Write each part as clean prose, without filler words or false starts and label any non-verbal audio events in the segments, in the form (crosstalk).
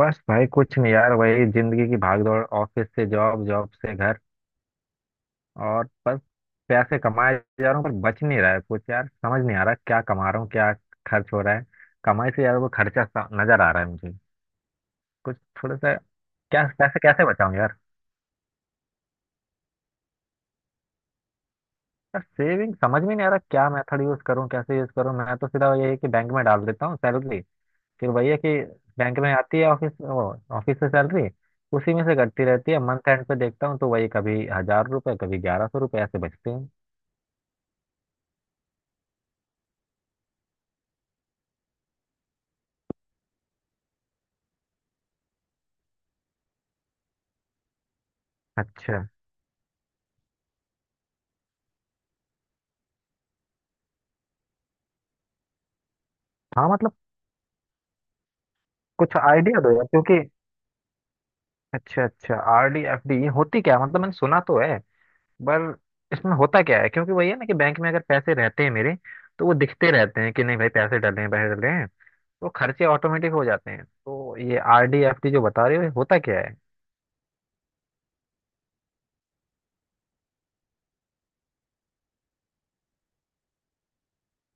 बस भाई कुछ नहीं यार, वही जिंदगी की भागदौड़। ऑफिस से जॉब, जॉब से घर। और बस पैसे कमाए जा रहा हूँ, पर बच नहीं रहा है कुछ। यार समझ नहीं आ रहा क्या कमा रहा हूँ, क्या खर्च हो रहा है। कमाई से यार वो खर्चा नजर आ रहा है मुझे कुछ, थोड़ा सा। क्या पैसे कैसे बचाऊं यार? यार सेविंग समझ में नहीं आ रहा, क्या मेथड यूज करूँ, कैसे यूज करूँ। मैं तो सीधा यही है कि बैंक में डाल देता हूँ सैलरी। फिर भैया कि बैंक में आती है ऑफिस, वो ऑफिस से सैलरी। उसी में से कटती रहती है। मंथ एंड पे देखता हूँ तो वही, कभी 1000 रुपए, कभी 1100 रुपए ऐसे बचते हैं। अच्छा। हाँ मतलब कुछ आइडिया दो यार, क्योंकि अच्छा अच्छा, आर डी एफ डी होती क्या है? मतलब मैंने सुना तो है, पर इसमें होता क्या है? क्योंकि वही है ना कि बैंक में अगर पैसे रहते हैं मेरे तो वो दिखते रहते हैं कि नहीं भाई, पैसे डले हैं पैसे डले हैं, तो खर्चे ऑटोमेटिक हो जाते हैं। तो ये आर डी एफ डी जो बता रहे हो, ये होता क्या है?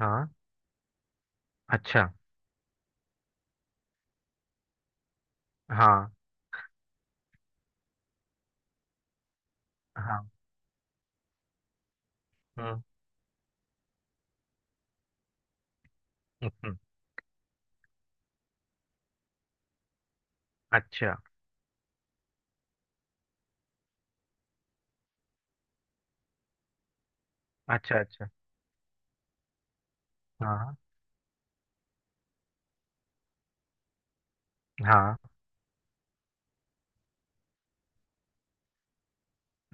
हाँ। अच्छा। हाँ। हाँ। हम्म। हम्म। अच्छा अच्छा। अच्छा। हाँ। हाँ।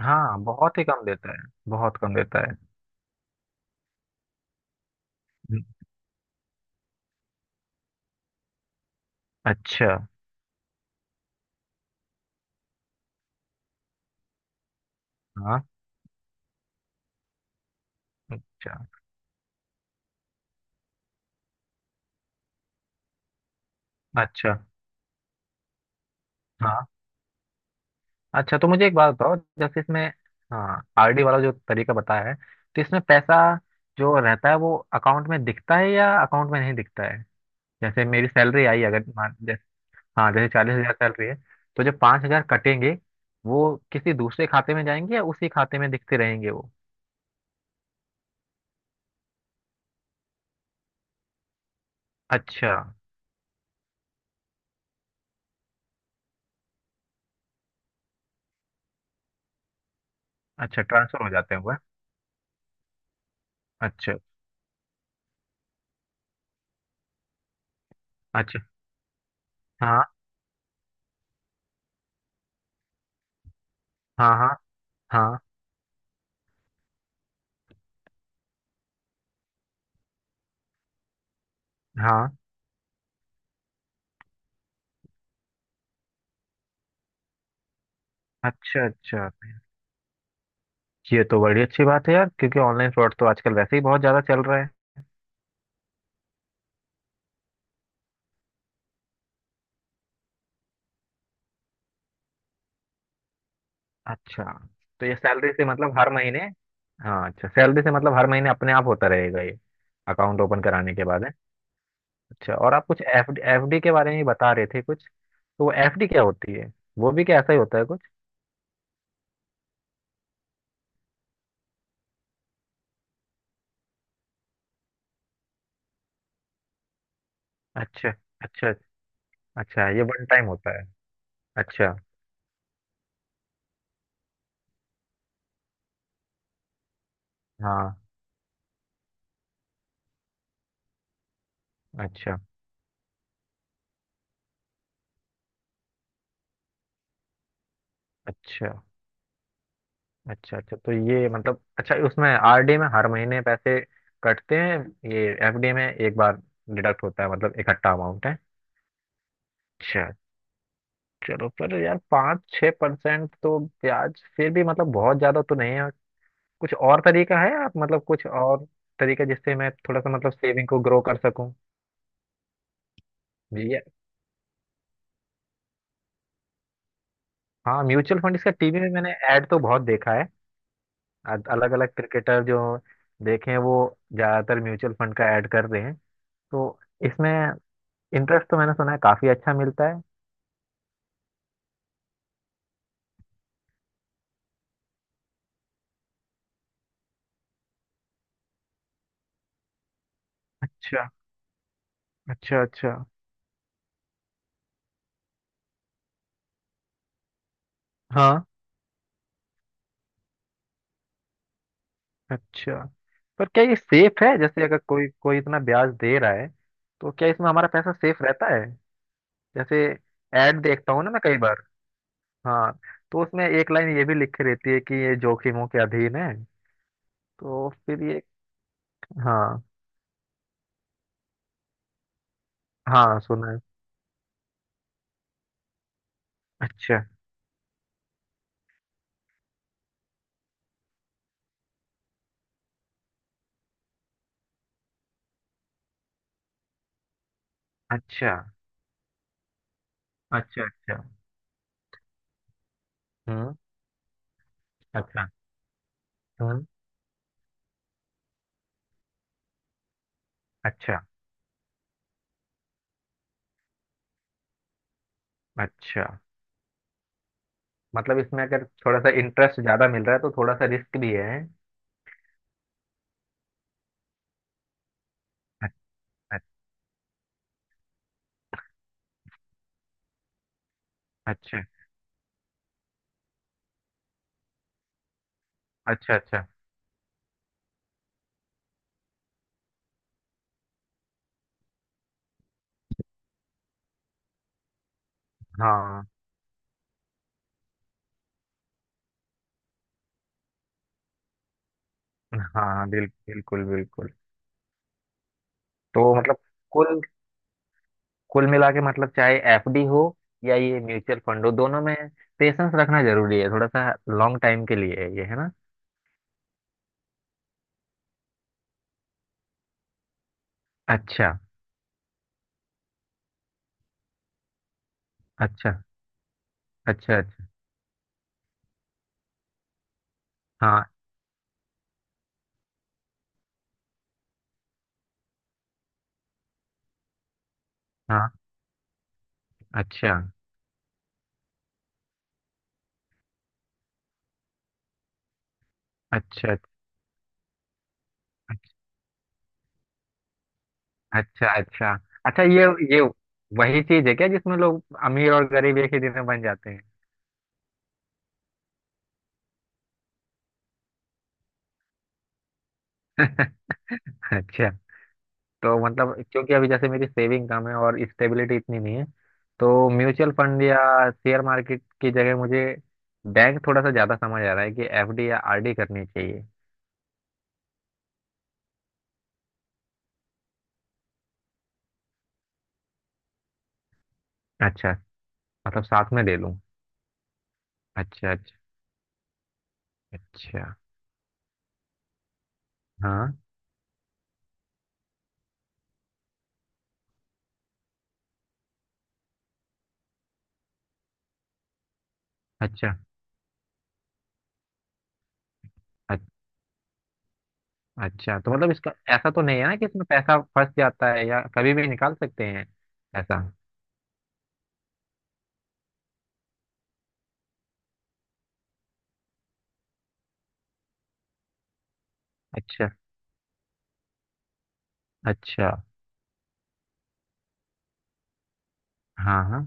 हाँ बहुत ही कम देता है, बहुत कम देता है। हम्म। अच्छा। हाँ। अच्छा। अच्छा। हाँ। अच्छा, तो मुझे एक बात बताओ, जैसे इसमें हाँ, आरडी वाला जो तरीका बताया है तो इसमें पैसा जो रहता है वो अकाउंट में दिखता है या अकाउंट में नहीं दिखता है? जैसे मेरी सैलरी आई, अगर मान जैसे हाँ, जैसे 40,000 सैलरी है तो जो 5,000 कटेंगे वो किसी दूसरे खाते में जाएंगे या उसी खाते में दिखते रहेंगे वो? अच्छा, अच्छा ट्रांसफर हो जाते हैं वो। अच्छा। अच्छा। हाँ। हाँ। हाँ। हाँ। हाँ। अच्छा अच्छा, ये तो बड़ी अच्छी बात है यार, क्योंकि ऑनलाइन फ्रॉड तो आजकल वैसे ही बहुत ज्यादा चल रहा है। अच्छा। तो ये सैलरी से मतलब हर महीने हाँ, अच्छा सैलरी से मतलब हर महीने अपने आप होता रहेगा ये, अकाउंट ओपन कराने के बाद है? अच्छा, और आप कुछ एफ एफडी के बारे में बता रहे थे कुछ, तो वो एफडी क्या होती है? वो भी क्या ऐसा ही होता है कुछ? अच्छा। अच्छा। अच्छा ये वन टाइम होता है। अच्छा। हाँ। अच्छा। अच्छा। अच्छा। अच्छा तो ये मतलब, अच्छा उसमें आरडी में हर महीने पैसे कटते हैं, ये एफडी में एक बार डिडक्ट होता है, मतलब इकट्ठा अमाउंट है। अच्छा। चलो पर यार 5-6% तो ब्याज, फिर भी मतलब बहुत ज़्यादा तो नहीं है। कुछ और तरीका है आप मतलब, कुछ और तरीका जिससे मैं थोड़ा सा मतलब सेविंग को ग्रो कर सकूं? जी। हाँ म्यूचुअल फंड, इसका टीवी में मैंने ऐड तो बहुत देखा है। अलग अलग क्रिकेटर जो देखे हैं वो ज़्यादातर म्यूचुअल फंड का ऐड कर रहे हैं। तो इसमें इंटरेस्ट तो मैंने सुना है काफी अच्छा मिलता है। अच्छा। अच्छा। अच्छा। हाँ। अच्छा, पर क्या ये सेफ है? जैसे अगर कोई कोई इतना ब्याज दे रहा है तो क्या इसमें हमारा पैसा सेफ रहता है? जैसे एड देखता हूँ ना मैं कई बार हाँ, तो उसमें एक लाइन ये भी लिखी रहती है कि ये जोखिमों के अधीन है, तो फिर ये हाँ, हाँ सुना है। अच्छा। अच्छा। अच्छा। अच्छा। हम्म। अच्छा। हम्म। अच्छा। अच्छा मतलब इसमें अगर थोड़ा सा इंटरेस्ट ज्यादा मिल रहा है तो थोड़ा सा रिस्क भी है। अच्छा। अच्छा। अच्छा। अच्छा। हाँ, हाँ बिल्कुल बिल्कुल। तो मतलब कुल कुल मिला के मतलब, चाहे एफडी हो या ये म्यूचुअल फंड हो, दोनों में पेशेंस रखना जरूरी है, थोड़ा सा लॉन्ग टाइम के लिए है ये, है ना? अच्छा। अच्छा। अच्छा। अच्छा। हाँ। हाँ। अच्छा। अच्छा। अच्छा। अच्छा। अच्छा। अच्छा ये वही चीज है क्या जिसमें लोग अमीर और गरीब एक ही दिन में बन जाते हैं? (laughs) अच्छा। तो मतलब क्योंकि अभी जैसे मेरी सेविंग कम है और स्टेबिलिटी इतनी नहीं है, तो म्यूचुअल फंड या शेयर मार्केट की जगह मुझे बैंक थोड़ा सा ज़्यादा समझ आ रहा है, कि एफडी या आरडी करनी चाहिए। अच्छा, मतलब साथ में ले लूं? अच्छा। अच्छा। अच्छा। हाँ। अच्छा। अ- अच्छा तो मतलब इसका ऐसा तो नहीं है ना कि इसमें पैसा फंस जाता है, या कभी भी निकाल सकते हैं ऐसा? अच्छा। अच्छा। हाँ। हाँ।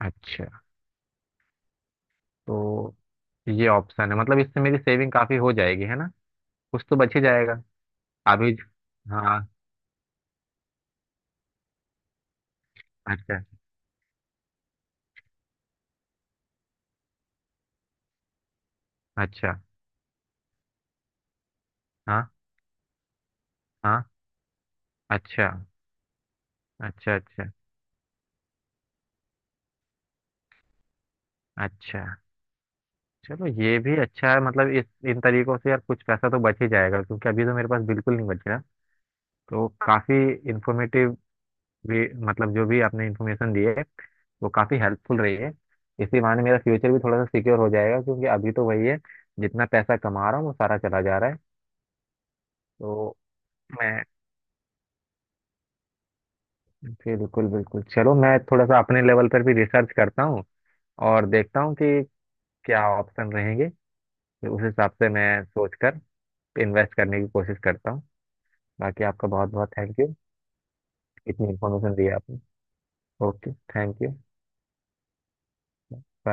अच्छा, तो ये ऑप्शन है मतलब, इससे मेरी सेविंग काफ़ी हो जाएगी है ना, कुछ तो बच ही जाएगा। अभी। हाँ। अच्छा। अच्छा। हाँ। हाँ। अच्छा। अच्छा। अच्छा। अच्छा चलो ये भी अच्छा है मतलब, इस इन तरीकों से यार कुछ पैसा तो बच ही जाएगा, क्योंकि अभी तो मेरे पास बिल्कुल नहीं बच रहा। तो काफ़ी इन्फॉर्मेटिव भी मतलब, जो भी आपने इन्फॉर्मेशन दी है वो काफ़ी हेल्पफुल रही है। इसी बहाने मेरा फ्यूचर भी थोड़ा सा सिक्योर हो जाएगा, क्योंकि अभी तो वही है, जितना पैसा कमा रहा हूँ वो सारा चला जा रहा है। तो मैं बिल्कुल बिल्कुल, चलो मैं थोड़ा सा अपने लेवल पर भी रिसर्च करता हूँ और देखता हूँ कि क्या ऑप्शन रहेंगे, तो उस हिसाब से मैं सोचकर इन्वेस्ट करने की कोशिश करता हूँ। बाकी आपका बहुत बहुत थैंक यू, इतनी इन्फॉर्मेशन दी है आपने। Okay thank you.